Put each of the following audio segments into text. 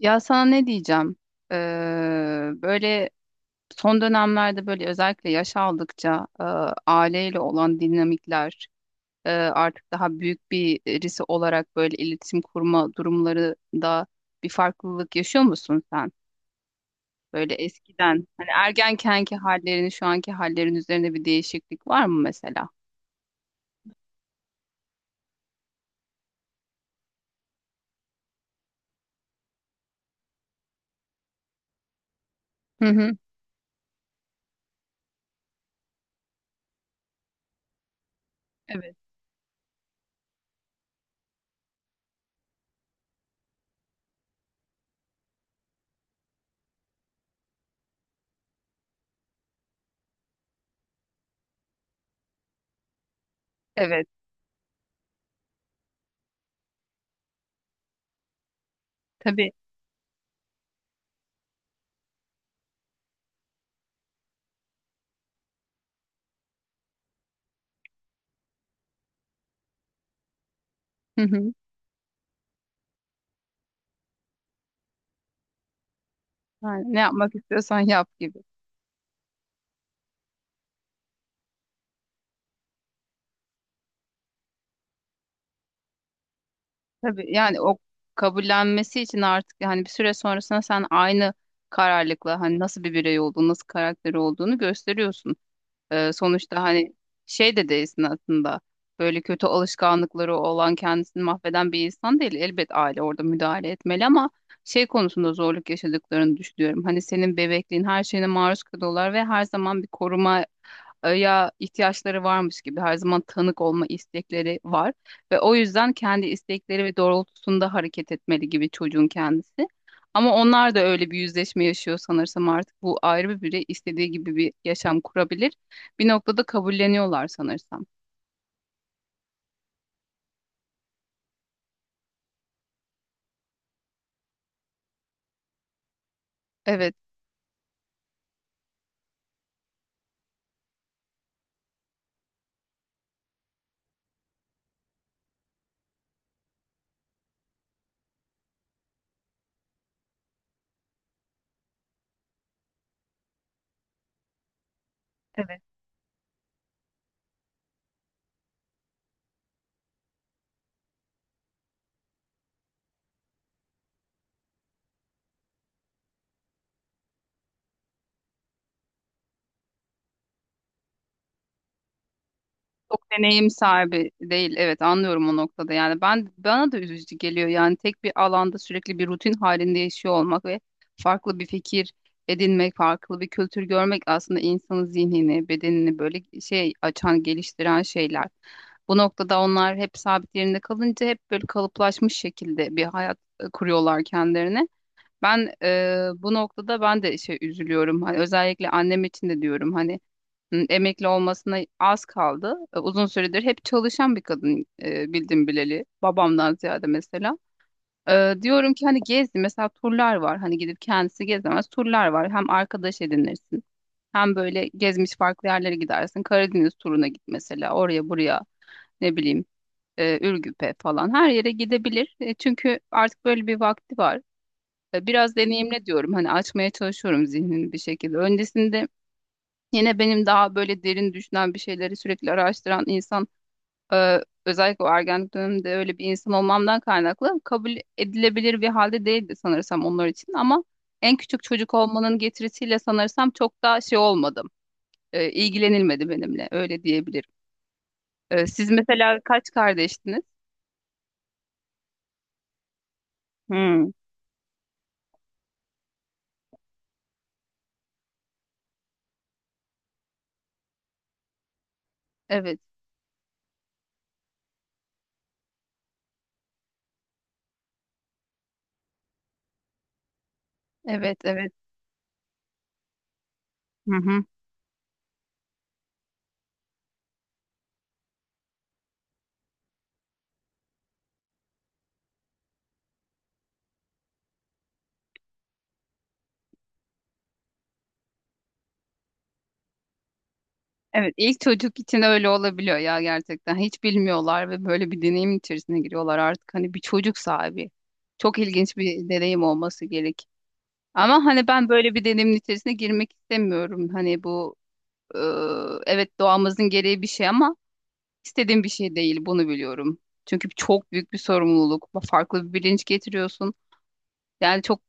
Ya sana ne diyeceğim? Böyle son dönemlerde böyle özellikle yaş aldıkça aileyle olan dinamikler artık daha büyük bir birisi olarak böyle iletişim kurma durumlarında bir farklılık yaşıyor musun sen? Böyle eskiden hani ergenkenki hallerini şu anki hallerin üzerinde bir değişiklik var mı mesela? Hı hı. Evet. Evet. Tabii. Hı hı. Yani ne yapmak istiyorsan yap gibi. Tabii, yani o kabullenmesi için artık hani bir süre sonrasında sen aynı kararlılıkla hani nasıl bir birey olduğunu, nasıl karakteri olduğunu gösteriyorsun. Sonuçta hani şey de değilsin aslında. Böyle kötü alışkanlıkları olan kendisini mahveden bir insan değil. Elbet aile orada müdahale etmeli ama şey konusunda zorluk yaşadıklarını düşünüyorum. Hani senin bebekliğin her şeyine maruz kalıyorlar ve her zaman bir koruma ya ihtiyaçları varmış gibi her zaman tanık olma istekleri var ve o yüzden kendi istekleri ve doğrultusunda hareket etmeli gibi çocuğun kendisi. Ama onlar da öyle bir yüzleşme yaşıyor sanırsam, artık bu ayrı bir birey istediği gibi bir yaşam kurabilir. Bir noktada kabulleniyorlar sanırsam. Evet. Çok deneyim sahibi değil. Evet, anlıyorum o noktada. Yani ben bana da üzücü geliyor. Yani tek bir alanda sürekli bir rutin halinde yaşıyor olmak ve farklı bir fikir edinmek, farklı bir kültür görmek aslında insanın zihnini, bedenini böyle şey açan, geliştiren şeyler. Bu noktada onlar hep sabit yerinde kalınca hep böyle kalıplaşmış şekilde bir hayat kuruyorlar kendilerine. Bu noktada ben de şey üzülüyorum. Hani özellikle annem için de diyorum, hani emekli olmasına az kaldı. Uzun süredir hep çalışan bir kadın bildim bileli. Babamdan ziyade mesela. Diyorum ki hani gezdi, mesela turlar var. Hani gidip kendisi gezemez, turlar var. Hem arkadaş edinirsin, hem böyle gezmiş farklı yerlere gidersin. Karadeniz turuna git mesela. Oraya buraya, ne bileyim, Ürgüp'e falan. Her yere gidebilir. Çünkü artık böyle bir vakti var. Biraz deneyimle diyorum. Hani açmaya çalışıyorum zihnini bir şekilde. Öncesinde, yine benim daha böyle derin düşünen, bir şeyleri sürekli araştıran insan e, özellikle o ergenlik döneminde öyle bir insan olmamdan kaynaklı kabul edilebilir bir halde değildi sanırsam onlar için, ama en küçük çocuk olmanın getirisiyle sanırsam çok daha şey olmadım. İlgilenilmedi benimle, öyle diyebilirim. Siz mesela kaç kardeştiniz? Hmm. Evet, evet, evet. Hı hı. Evet, ilk çocuk için öyle olabiliyor ya gerçekten. Hiç bilmiyorlar ve böyle bir deneyim içerisine giriyorlar artık. Hani bir çocuk sahibi. Çok ilginç bir deneyim olması gerek. Ama hani ben böyle bir deneyimin içerisine girmek istemiyorum. Hani bu, e, evet, doğamızın gereği bir şey ama istediğim bir şey değil. Bunu biliyorum. Çünkü çok büyük bir sorumluluk. Farklı bir bilinç getiriyorsun. Yani çok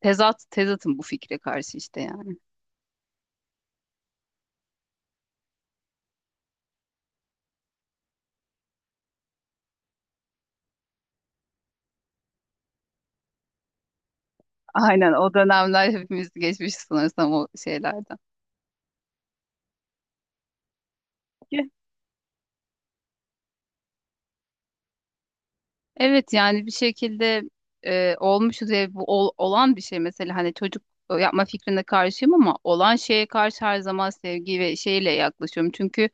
tezatım bu fikre karşı işte, yani. Aynen, o dönemler hepimiz geçmişiz sanırsam o şeylerden. Evet, yani bir şekilde olmuşuz ve bu olan bir şey. Mesela hani çocuk yapma fikrine karşıyım, ama olan şeye karşı her zaman sevgi ve şeyle yaklaşıyorum. Çünkü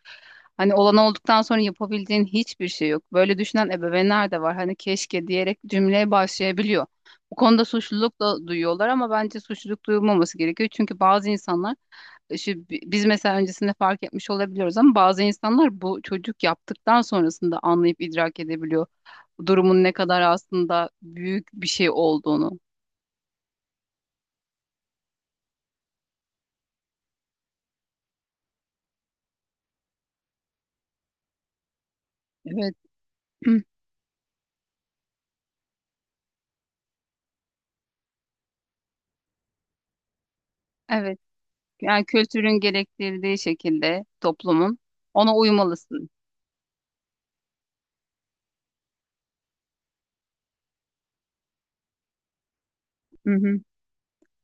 hani olan olduktan sonra yapabildiğin hiçbir şey yok. Böyle düşünen ebeveynler de var. Hani keşke diyerek cümleye başlayabiliyor. Bu konuda suçluluk da duyuyorlar, ama bence suçluluk duyulmaması gerekiyor. Çünkü bazı insanlar, biz mesela öncesinde fark etmiş olabiliyoruz, ama bazı insanlar bu çocuk yaptıktan sonrasında anlayıp idrak edebiliyor durumun ne kadar aslında büyük bir şey olduğunu. Evet. Evet. Yani kültürün gerektirdiği şekilde, toplumun, ona uymalısın. Hı hı.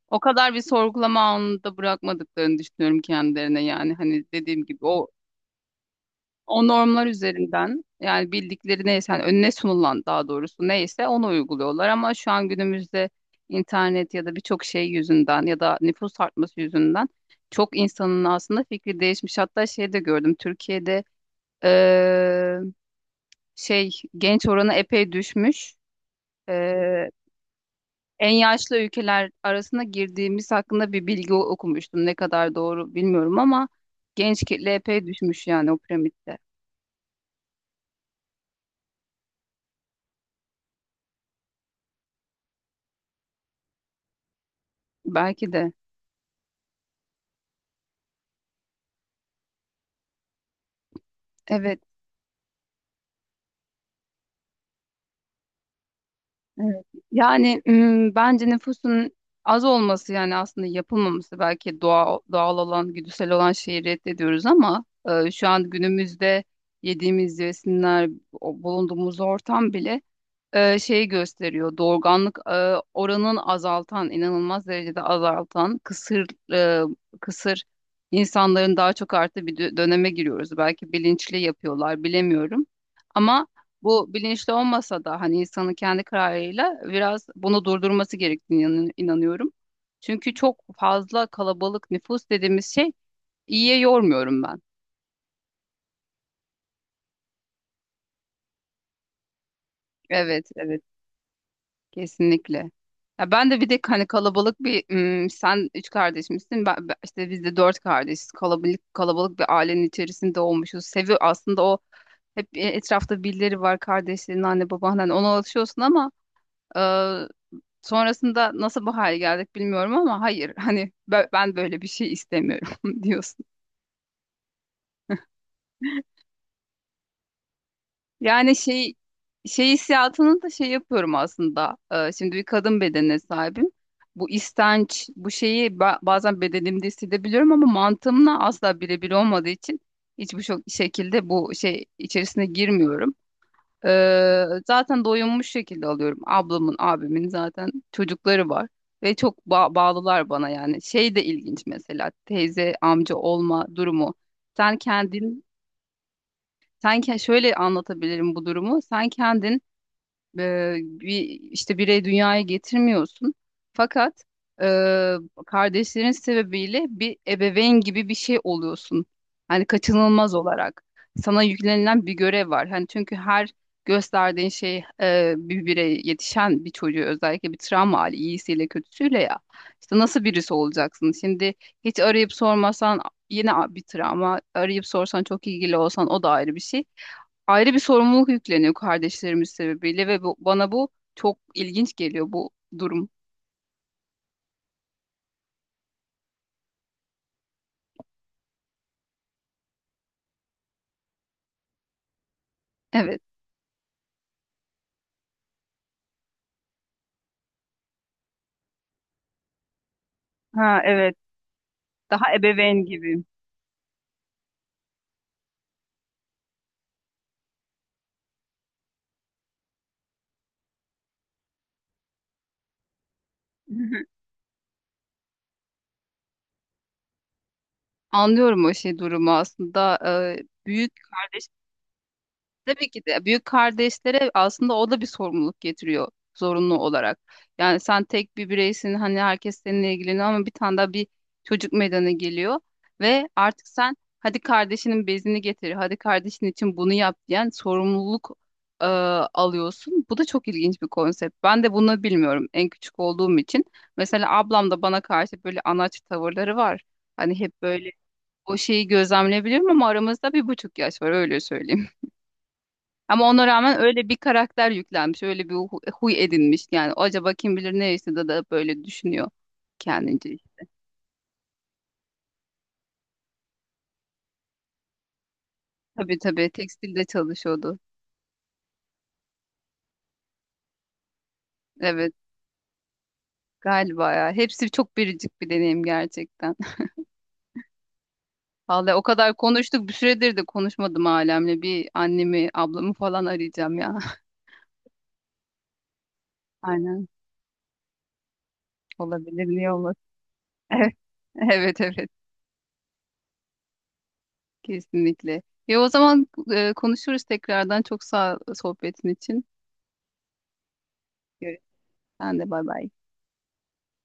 O kadar bir sorgulama anında bırakmadıklarını düşünüyorum kendilerine, yani hani dediğim gibi o normlar üzerinden, yani bildikleri neyse, hani önüne sunulan, daha doğrusu neyse onu uyguluyorlar, ama şu an günümüzde internet ya da birçok şey yüzünden ya da nüfus artması yüzünden çok insanın aslında fikri değişmiş. Hatta şey de gördüm, Türkiye'de eee, şey, genç oranı epey düşmüş. Eee, En yaşlı ülkeler arasına girdiğimiz hakkında bir bilgi okumuştum. Ne kadar doğru bilmiyorum, ama genç kitle epey düşmüş yani o piramitte. Belki de. Evet. Evet. Yani bence nüfusun az olması, yani aslında yapılmaması belki doğal, doğal olan, güdüsel olan şeyi reddediyoruz ama şu an günümüzde yediğimiz besinler, bulunduğumuz ortam bile şey gösteriyor. Doğurganlık oranın azaltan, inanılmaz derecede azaltan, e, kısır insanların daha çok arttığı bir döneme giriyoruz. Belki bilinçli yapıyorlar, bilemiyorum. Ama bu bilinçli olmasa da hani insanın kendi kararıyla biraz bunu durdurması gerektiğini inanıyorum. Çünkü çok fazla kalabalık nüfus dediğimiz şey, iyiye yormuyorum ben. Evet, evet. Kesinlikle. Ya ben de, bir de hani kalabalık bir, sen üç kardeş misin? İşte biz de dört kardeşiz. Kalabalık bir ailenin içerisinde olmuşuz. Sevi aslında o, hep etrafta birileri var, kardeşlerin, anne baban, hani ona alışıyorsun ama e, sonrasında nasıl bu hale geldik bilmiyorum, ama hayır, hani ben böyle bir şey istemiyorum diyorsun. Yani şey hissiyatını da şey yapıyorum aslında. Şimdi bir kadın bedenine sahibim. Bu istenç, bu şeyi bazen bedenimde hissedebiliyorum, ama mantığımla asla birebir olmadığı için hiçbir şekilde bu şey içerisine girmiyorum. Zaten doyunmuş şekilde alıyorum. Ablamın, abimin zaten çocukları var ve çok bağlılar bana, yani. Şey de ilginç mesela, teyze, amca olma durumu. Sen kendin sen ke- şöyle anlatabilirim bu durumu. Sen kendin bir, işte, birey dünyaya getirmiyorsun. Fakat e, kardeşlerin sebebiyle bir ebeveyn gibi bir şey oluyorsun. Hani kaçınılmaz olarak sana yüklenilen bir görev var. Hani çünkü her gösterdiğin şey bir birey yetişen bir çocuğu, özellikle bir travma hali, iyisiyle kötüsüyle ya. İşte nasıl birisi olacaksın? Şimdi hiç arayıp sormasan yine bir travma. Arayıp sorsan, çok ilgili olsan o da ayrı bir şey, ayrı bir sorumluluk yükleniyor kardeşlerimiz sebebiyle, ve bu, bana bu çok ilginç geliyor, bu durum. Evet. Ha, evet. Daha ebeveyn gibi. Anlıyorum o şey durumu aslında. Ee, büyük Tabii ki de büyük kardeşlere aslında o da bir sorumluluk getiriyor zorunlu olarak. Yani sen tek bir bireysin, hani herkes seninle ilgileniyor, ama bir tane daha bir çocuk meydana geliyor ve artık sen, hadi kardeşinin bezini getir, hadi kardeşin için bunu yap, diyen sorumluluk e, alıyorsun. Bu da çok ilginç bir konsept. Ben de bunu bilmiyorum en küçük olduğum için. Mesela ablam da bana karşı böyle anaç tavırları var. Hani hep böyle o şeyi gözlemleyebilirim, ama aramızda 1,5 yaş var, öyle söyleyeyim. Ama ona rağmen öyle bir karakter yüklenmiş, öyle bir huy edinmiş. Yani acaba kim bilir ne yaşadı da böyle düşünüyor kendince. Tabii, tabii, tekstilde çalışıyordu. Evet galiba ya. Hepsi çok biricik bir deneyim gerçekten. Vallahi o kadar konuştuk, bir süredir de konuşmadım ailemle. Bir annemi, ablamı falan arayacağım ya. Aynen, olabilir, niye olmasın. Evet, evet, evet, kesinlikle. Ya o zaman konuşuruz tekrardan. Çok sağ ol sohbetin için. Görüşürüz. Sen de bay bay.